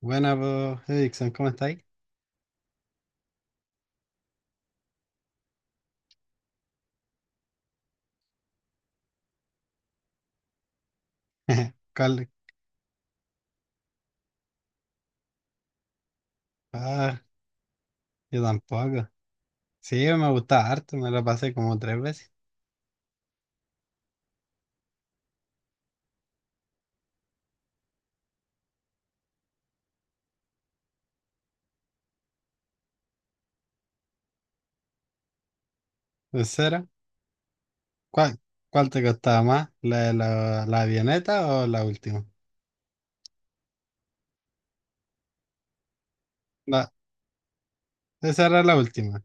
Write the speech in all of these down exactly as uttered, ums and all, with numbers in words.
Buena, pues, Erickson, ¿cómo estáis? Carl- Ah, yo tampoco. Sí, me gustaba harto, me lo pasé como tres veces. ¿En serio? ¿Cuál, cuál te costaba más? ¿La, de la, la avioneta o la última? La, esa era la última,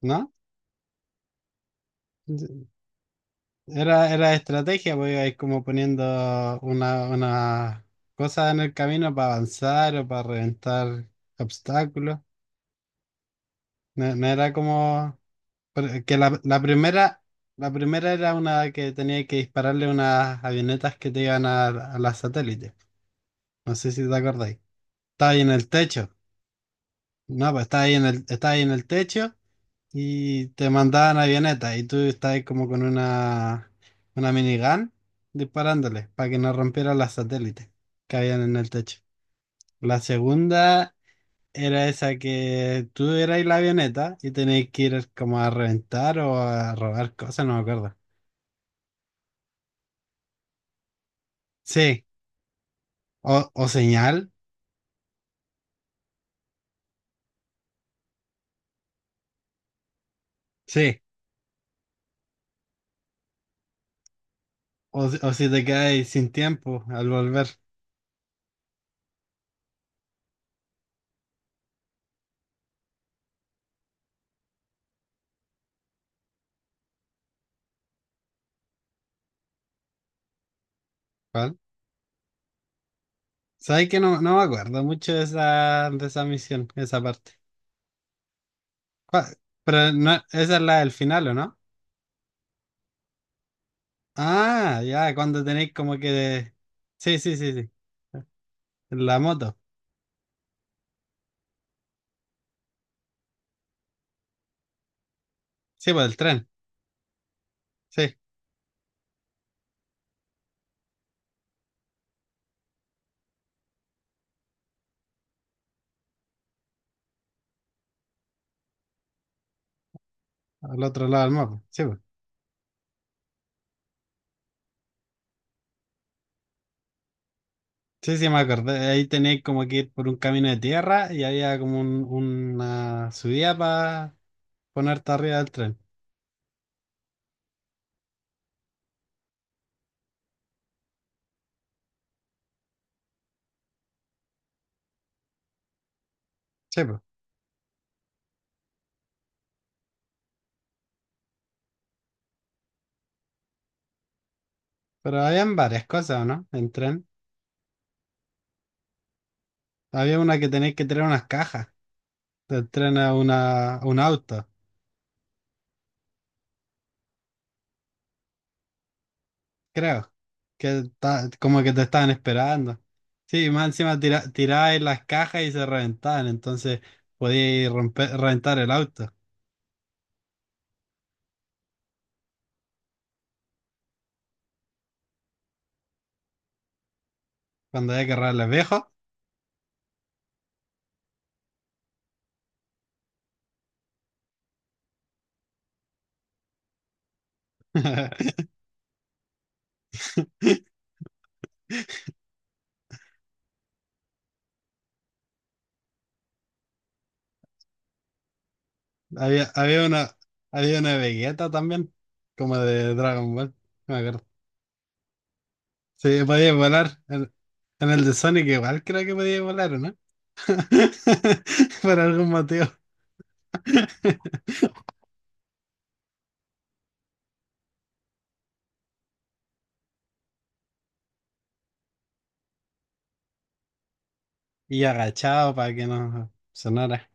¿no? Era, era estrategia, pues ibais como poniendo una, una cosa en el camino para avanzar o para reventar obstáculos. No, no era como... Porque que la, la primera, la primera era una que tenía que dispararle unas avionetas que te iban a, a las satélites. No sé si te acordáis. Estaba ahí en el techo. No, pues estaba ahí en el, estaba ahí en el techo, y te mandaban avionetas y tú estabas ahí como con una, una minigun disparándole para que no rompieran las satélites que habían en el techo. La segunda era esa que tú erais la avioneta y tenéis que ir como a reventar o a robar cosas, no me acuerdo. Sí. O, o señal, sí. O, si- o si te quedas sin tiempo al volver. ¿Cuál? Sabes que no, no me acuerdo mucho de esa, de esa, misión, esa parte. ¿Cuál? Pero no, esa es la del final, ¿o no? Ah, ya, cuando tenéis como que... Sí, sí, sí, sí. La moto. Sí, pues el tren. Sí, al otro lado del mapa. Sí, pues. Sí, sí, me acordé. Ahí tenéis como que ir por un camino de tierra y había como un- una subida para ponerte arriba del tren. Sí, pues. Pero habían varias cosas, ¿o no? En tren. Había una que tenéis que traer unas cajas, te traen a una, a un auto, creo, que ta- como que te estaban esperando. Sí, más encima tira, tirabais las cajas y se reventaban, entonces podíais romper, reventar el auto. Cuando había que robarle viejos, había, había una, había una Vegeta también, como de Dragon Ball, no me acuerdo. Sí, podía volar, en, en el de Sonic igual creo que podía volar, ¿o no? Por algún motivo. Y agachado para que no sonara.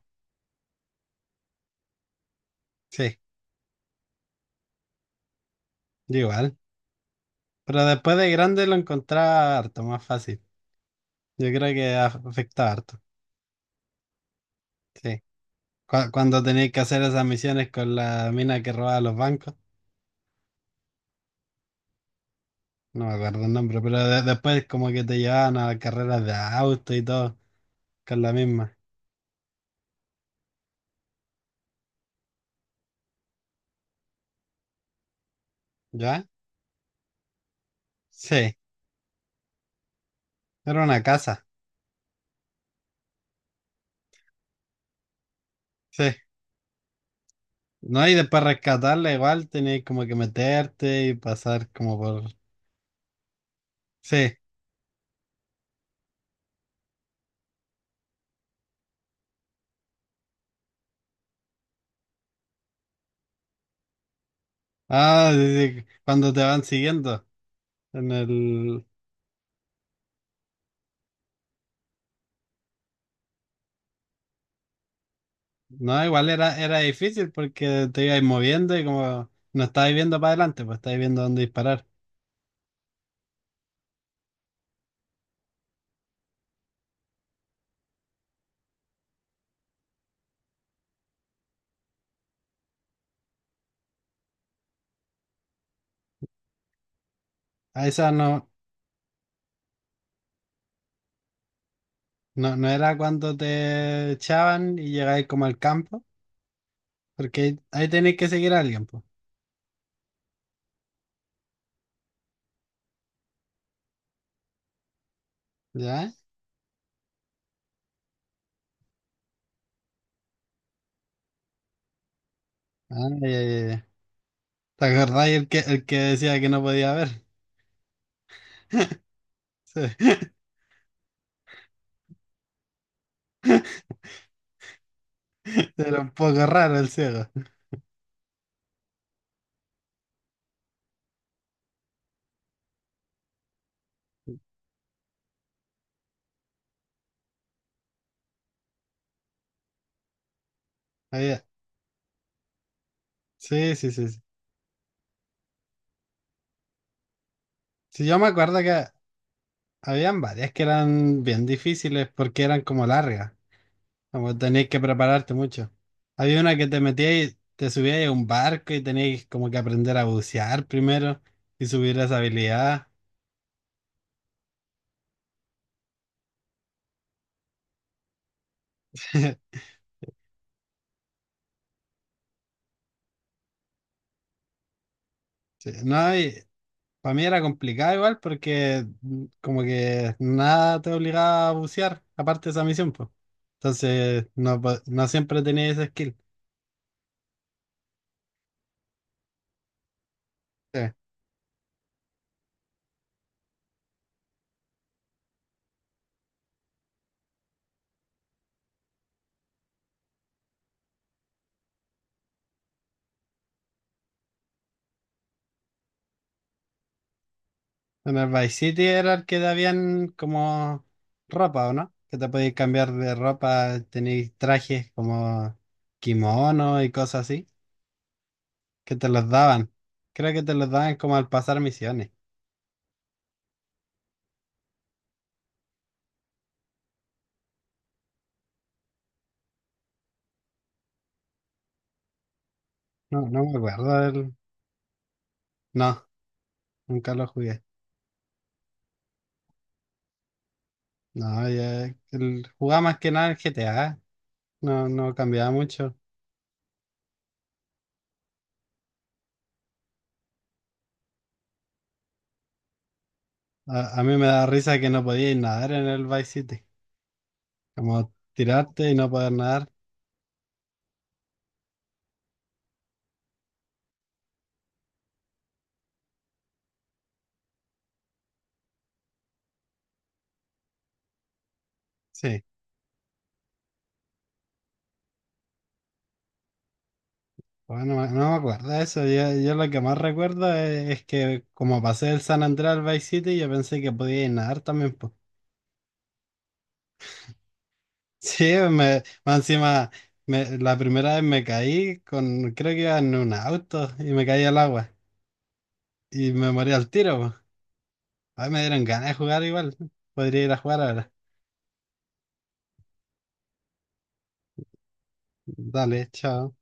Sí, yo igual. Pero después de grande lo encontraba harto más fácil. Yo creo que af- afecta harto. Sí. Cu- Cuando tenéis que hacer esas misiones con la mina que robaba los bancos. No me acuerdo el nombre, pero de- después como que te llevaban a carreras de auto y todo con la misma. ¿Ya? Sí. Era una casa. Sí. No, y después rescatarla igual tenéis como que meterte y pasar como por... Sí. Ah, sí, sí, cuando te van siguiendo. En el... No, igual era, era difícil porque te ibas moviendo y como no estabas viendo para adelante, pues estabas viendo dónde disparar. A esa no, no, no era cuando te echaban y llegabas como al campo, porque ahí, ahí tenéis que seguir a alguien, pues. ¿Ya? Ah, ya, ya, ya. ¿Te acordáis el que, el que decía que no podía ver? Sí. Era un poco raro el ciego. Había- Sí, sí, sí, sí. Sí, yo me acuerdo que habían varias que eran bien difíciles porque eran como largas. Como tenéis que prepararte mucho. Había una que te metías y te subías a un barco y tenías como que aprender a bucear primero y subir esa habilidad. Sí. No, para mí era complicado igual porque mm, como que nada te obligaba a bucear, aparte de esa misión, pues. Entonces, no, po- no siempre tenía ese skill. Sí. En el Vice City era el que te habían como ropa, ¿o no? Que te podías cambiar de ropa, tenéis trajes como kimono y cosas así, que te los daban. Creo que te los daban como al pasar misiones. No, no me acuerdo del... No, nunca lo jugué. No, ya... el- jugaba más que nada el G T A. No, no cambiaba mucho. A, a mí me da risa que no podía ir nadar en el Vice City. Como tirarte y no poder nadar. Sí. Bueno, no me no me acuerdo de eso. Yo, yo lo que más recuerdo es, es que como pasé del San Andrés al Vice City, yo pensé que podía ir nadar también. Sí, me, más encima, me- la primera vez me caí con, creo que iba en un auto y me caí al agua y me morí al tiro, po. Ay, me dieron ganas de jugar igual. Podría ir a jugar ahora. Dale, chao.